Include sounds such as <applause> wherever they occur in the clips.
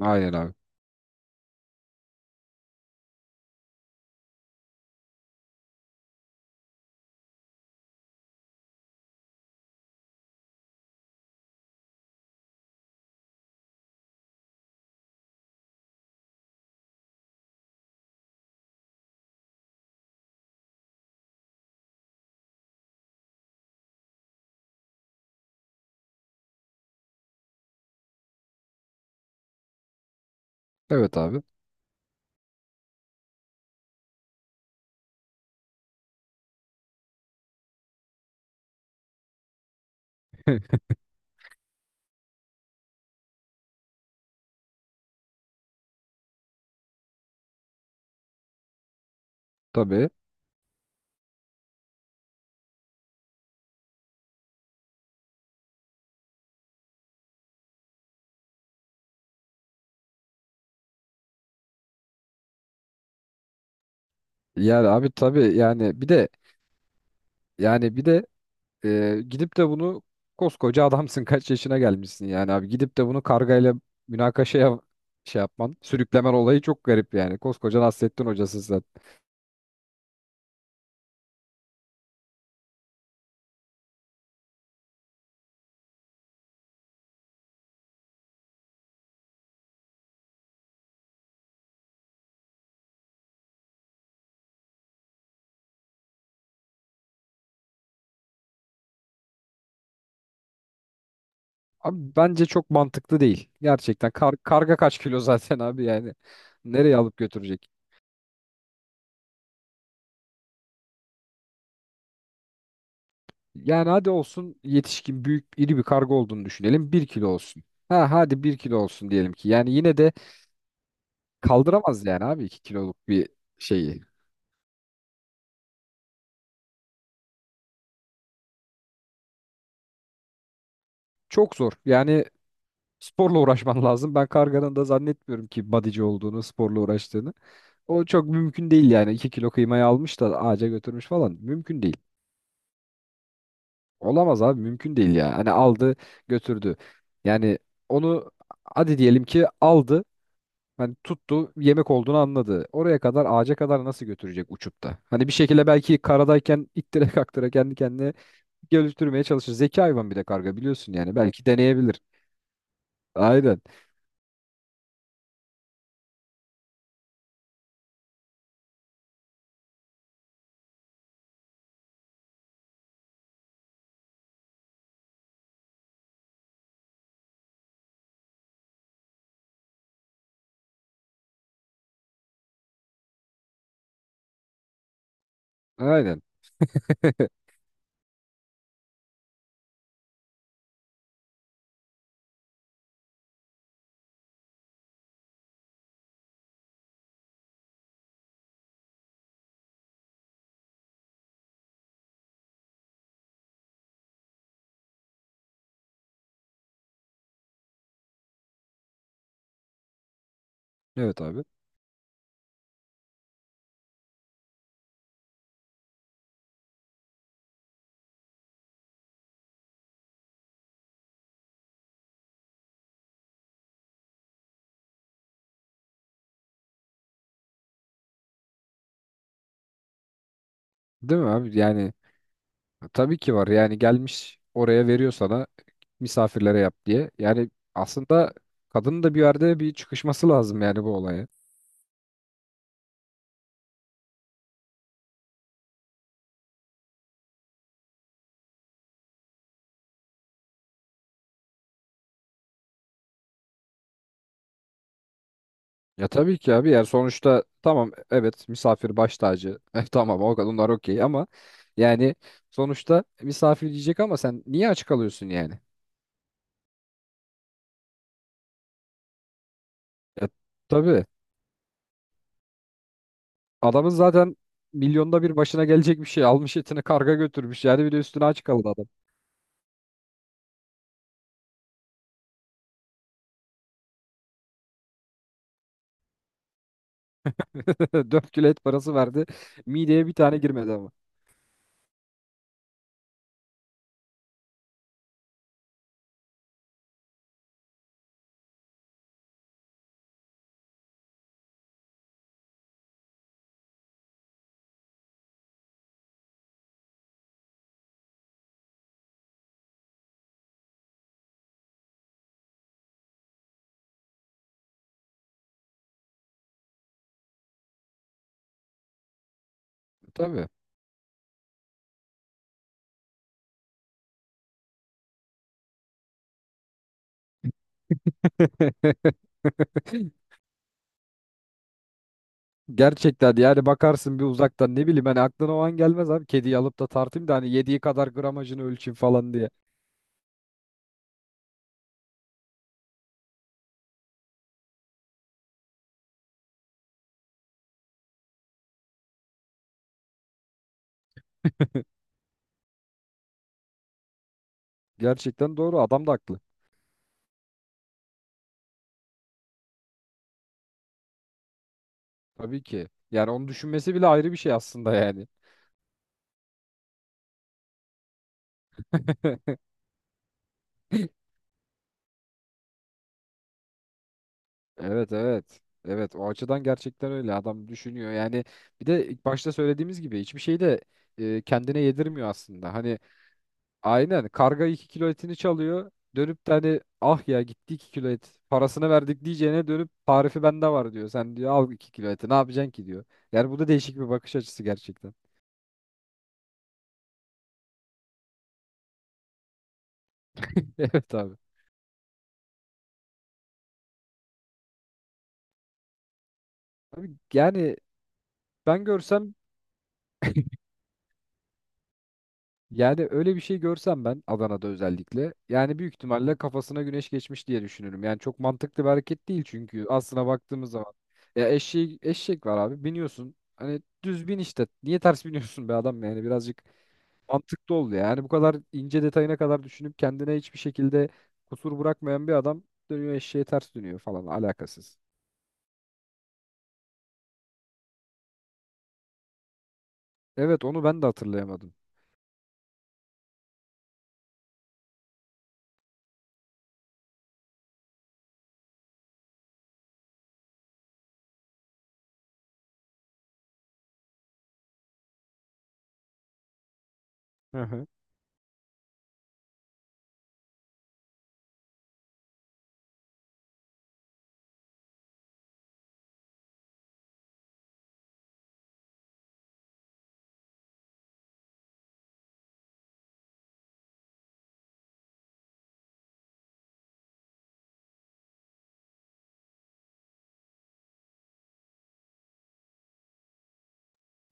Aynen abi. Evet abi. Tabii. Yani abi tabii yani bir de yani bir de gidip de bunu koskoca adamsın kaç yaşına gelmişsin yani abi gidip de bunu kargayla münakaşaya şey yapman sürüklemen olayı çok garip yani koskoca Nasrettin hocasın sen. Abi bence çok mantıklı değil. Gerçekten karga kaç kilo zaten abi yani nereye alıp götürecek? Yani hadi olsun yetişkin büyük iri bir karga olduğunu düşünelim 1 kilo olsun. Ha hadi 1 kilo olsun diyelim ki yani yine de kaldıramaz yani abi 2 kiloluk bir şeyi. Çok zor. Yani sporla uğraşman lazım. Ben karganın da zannetmiyorum ki bodyci olduğunu, sporla uğraştığını. O çok mümkün değil yani. 2 kilo kıymayı almış da ağaca götürmüş falan. Mümkün değil. Olamaz abi mümkün değil ya. Hani aldı götürdü. Yani onu hadi diyelim ki aldı. Hani tuttu yemek olduğunu anladı. Oraya kadar ağaca kadar nasıl götürecek uçup da? Hani bir şekilde belki karadayken ittire kaktıra kendi kendine geliştirmeye çalışır. Zeki hayvan bir de karga biliyorsun yani. Belki deneyebilir. Aynen. Aynen. <laughs> Evet abi. Değil mi abi? Yani tabii ki var. Yani gelmiş oraya veriyor sana misafirlere yap diye. Yani aslında kadının da bir yerde bir çıkışması lazım yani bu olaya. Ya tabii ki abi. Yani sonuçta tamam evet misafir baş tacı. <laughs> Eh, tamam o kadınlar okey ama yani sonuçta misafir diyecek ama sen niye aç kalıyorsun yani? Ya, tabii. Adamın zaten milyonda bir başına gelecek bir şey. Almış etini karga götürmüş. Yani bir de üstüne aç kaldı adam. <laughs> 4 kilo et parası verdi. Mideye bir tane girmedi ama. Tabii. <laughs> Gerçekten yani bakarsın bir uzaktan ne bileyim hani aklına o an gelmez abi. Kediyi alıp da tartayım da hani yediği kadar gramajını ölçeyim falan diye. Gerçekten doğru adam da haklı. Tabii ki. Yani onu düşünmesi bile ayrı bir şey aslında yani. <laughs> Evet evet. Evet o açıdan gerçekten öyle adam düşünüyor. Yani bir de ilk başta söylediğimiz gibi hiçbir şey de kendine yedirmiyor aslında. Hani aynen karga 2 kilo etini çalıyor. Dönüp de hani ah ya gitti 2 kilo et parasını verdik diyeceğine dönüp tarifi bende var diyor. Sen diyor al 2 kilo eti ne yapacaksın ki diyor. Yani bu da değişik bir bakış açısı gerçekten. <laughs> Evet abi. Abi yani ben görsem yani öyle bir şey görsem ben Adana'da özellikle yani büyük ihtimalle kafasına güneş geçmiş diye düşünürüm. Yani çok mantıklı bir hareket değil çünkü aslına baktığımız zaman ya eşeği, eşek var abi biniyorsun hani düz bin işte niye ters <laughs> biniyorsun be adam yani birazcık mantıklı oldu ya. Yani bu kadar ince detayına kadar düşünüp kendine hiçbir şekilde kusur bırakmayan bir adam dönüyor eşeğe ters dönüyor falan alakasız. Evet onu ben de hatırlayamadım. Hı hı.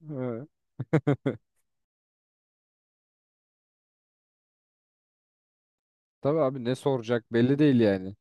Hı. <laughs> Tabii abi ne soracak belli değil yani.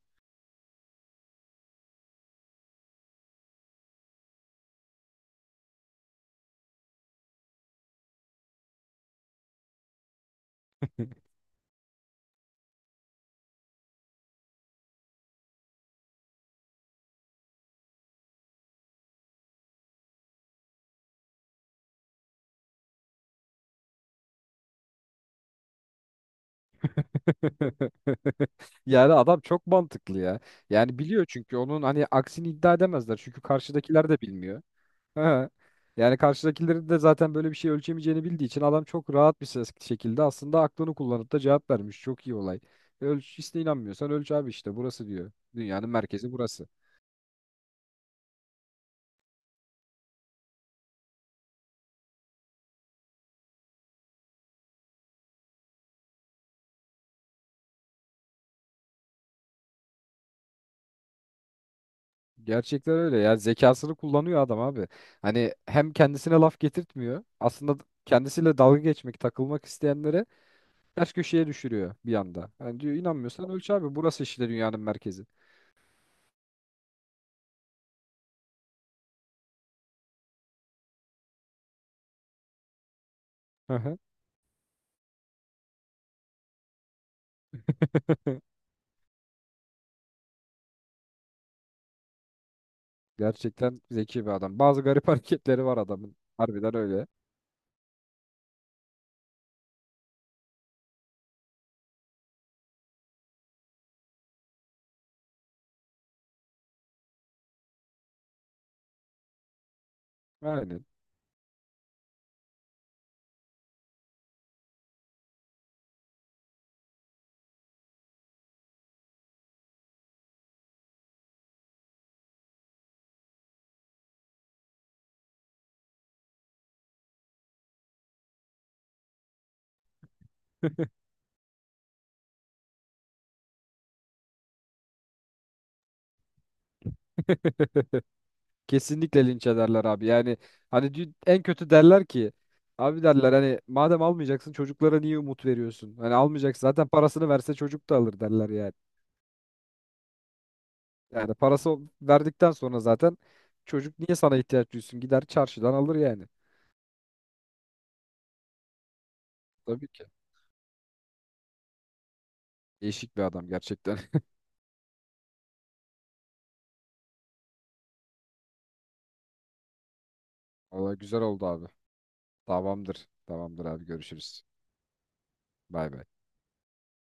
<laughs> Yani adam çok mantıklı ya. Yani biliyor çünkü onun hani aksini iddia edemezler. Çünkü karşıdakiler de bilmiyor. Ha. Yani karşıdakilerin de zaten böyle bir şey ölçemeyeceğini bildiği için adam çok rahat bir ses şekilde aslında aklını kullanıp da cevap vermiş. Çok iyi olay. Ölç işte inanmıyorsan ölç abi işte burası diyor. Dünyanın merkezi burası. Gerçekten öyle ya. Zekasını kullanıyor adam abi. Hani hem kendisine laf getirtmiyor. Aslında kendisiyle dalga geçmek, takılmak isteyenlere ters köşeye düşürüyor bir anda. Yani diyor inanmıyorsan ölç abi burası işte dünyanın merkezi. Hı hı. <laughs> Gerçekten zeki bir adam. Bazı garip <laughs> hareketleri var adamın. Harbiden öyle. Aynen. <laughs> Kesinlikle linç ederler abi. Yani hani en kötü derler ki abi derler hani madem almayacaksın çocuklara niye umut veriyorsun? Hani almayacak zaten parasını verse çocuk da alır derler yani. Yani parası verdikten sonra zaten çocuk niye sana ihtiyaç duysun? Gider çarşıdan alır yani. Tabii ki. Değişik bir adam gerçekten. Valla güzel oldu abi. Tamamdır. Tamamdır abi görüşürüz. Bay bay.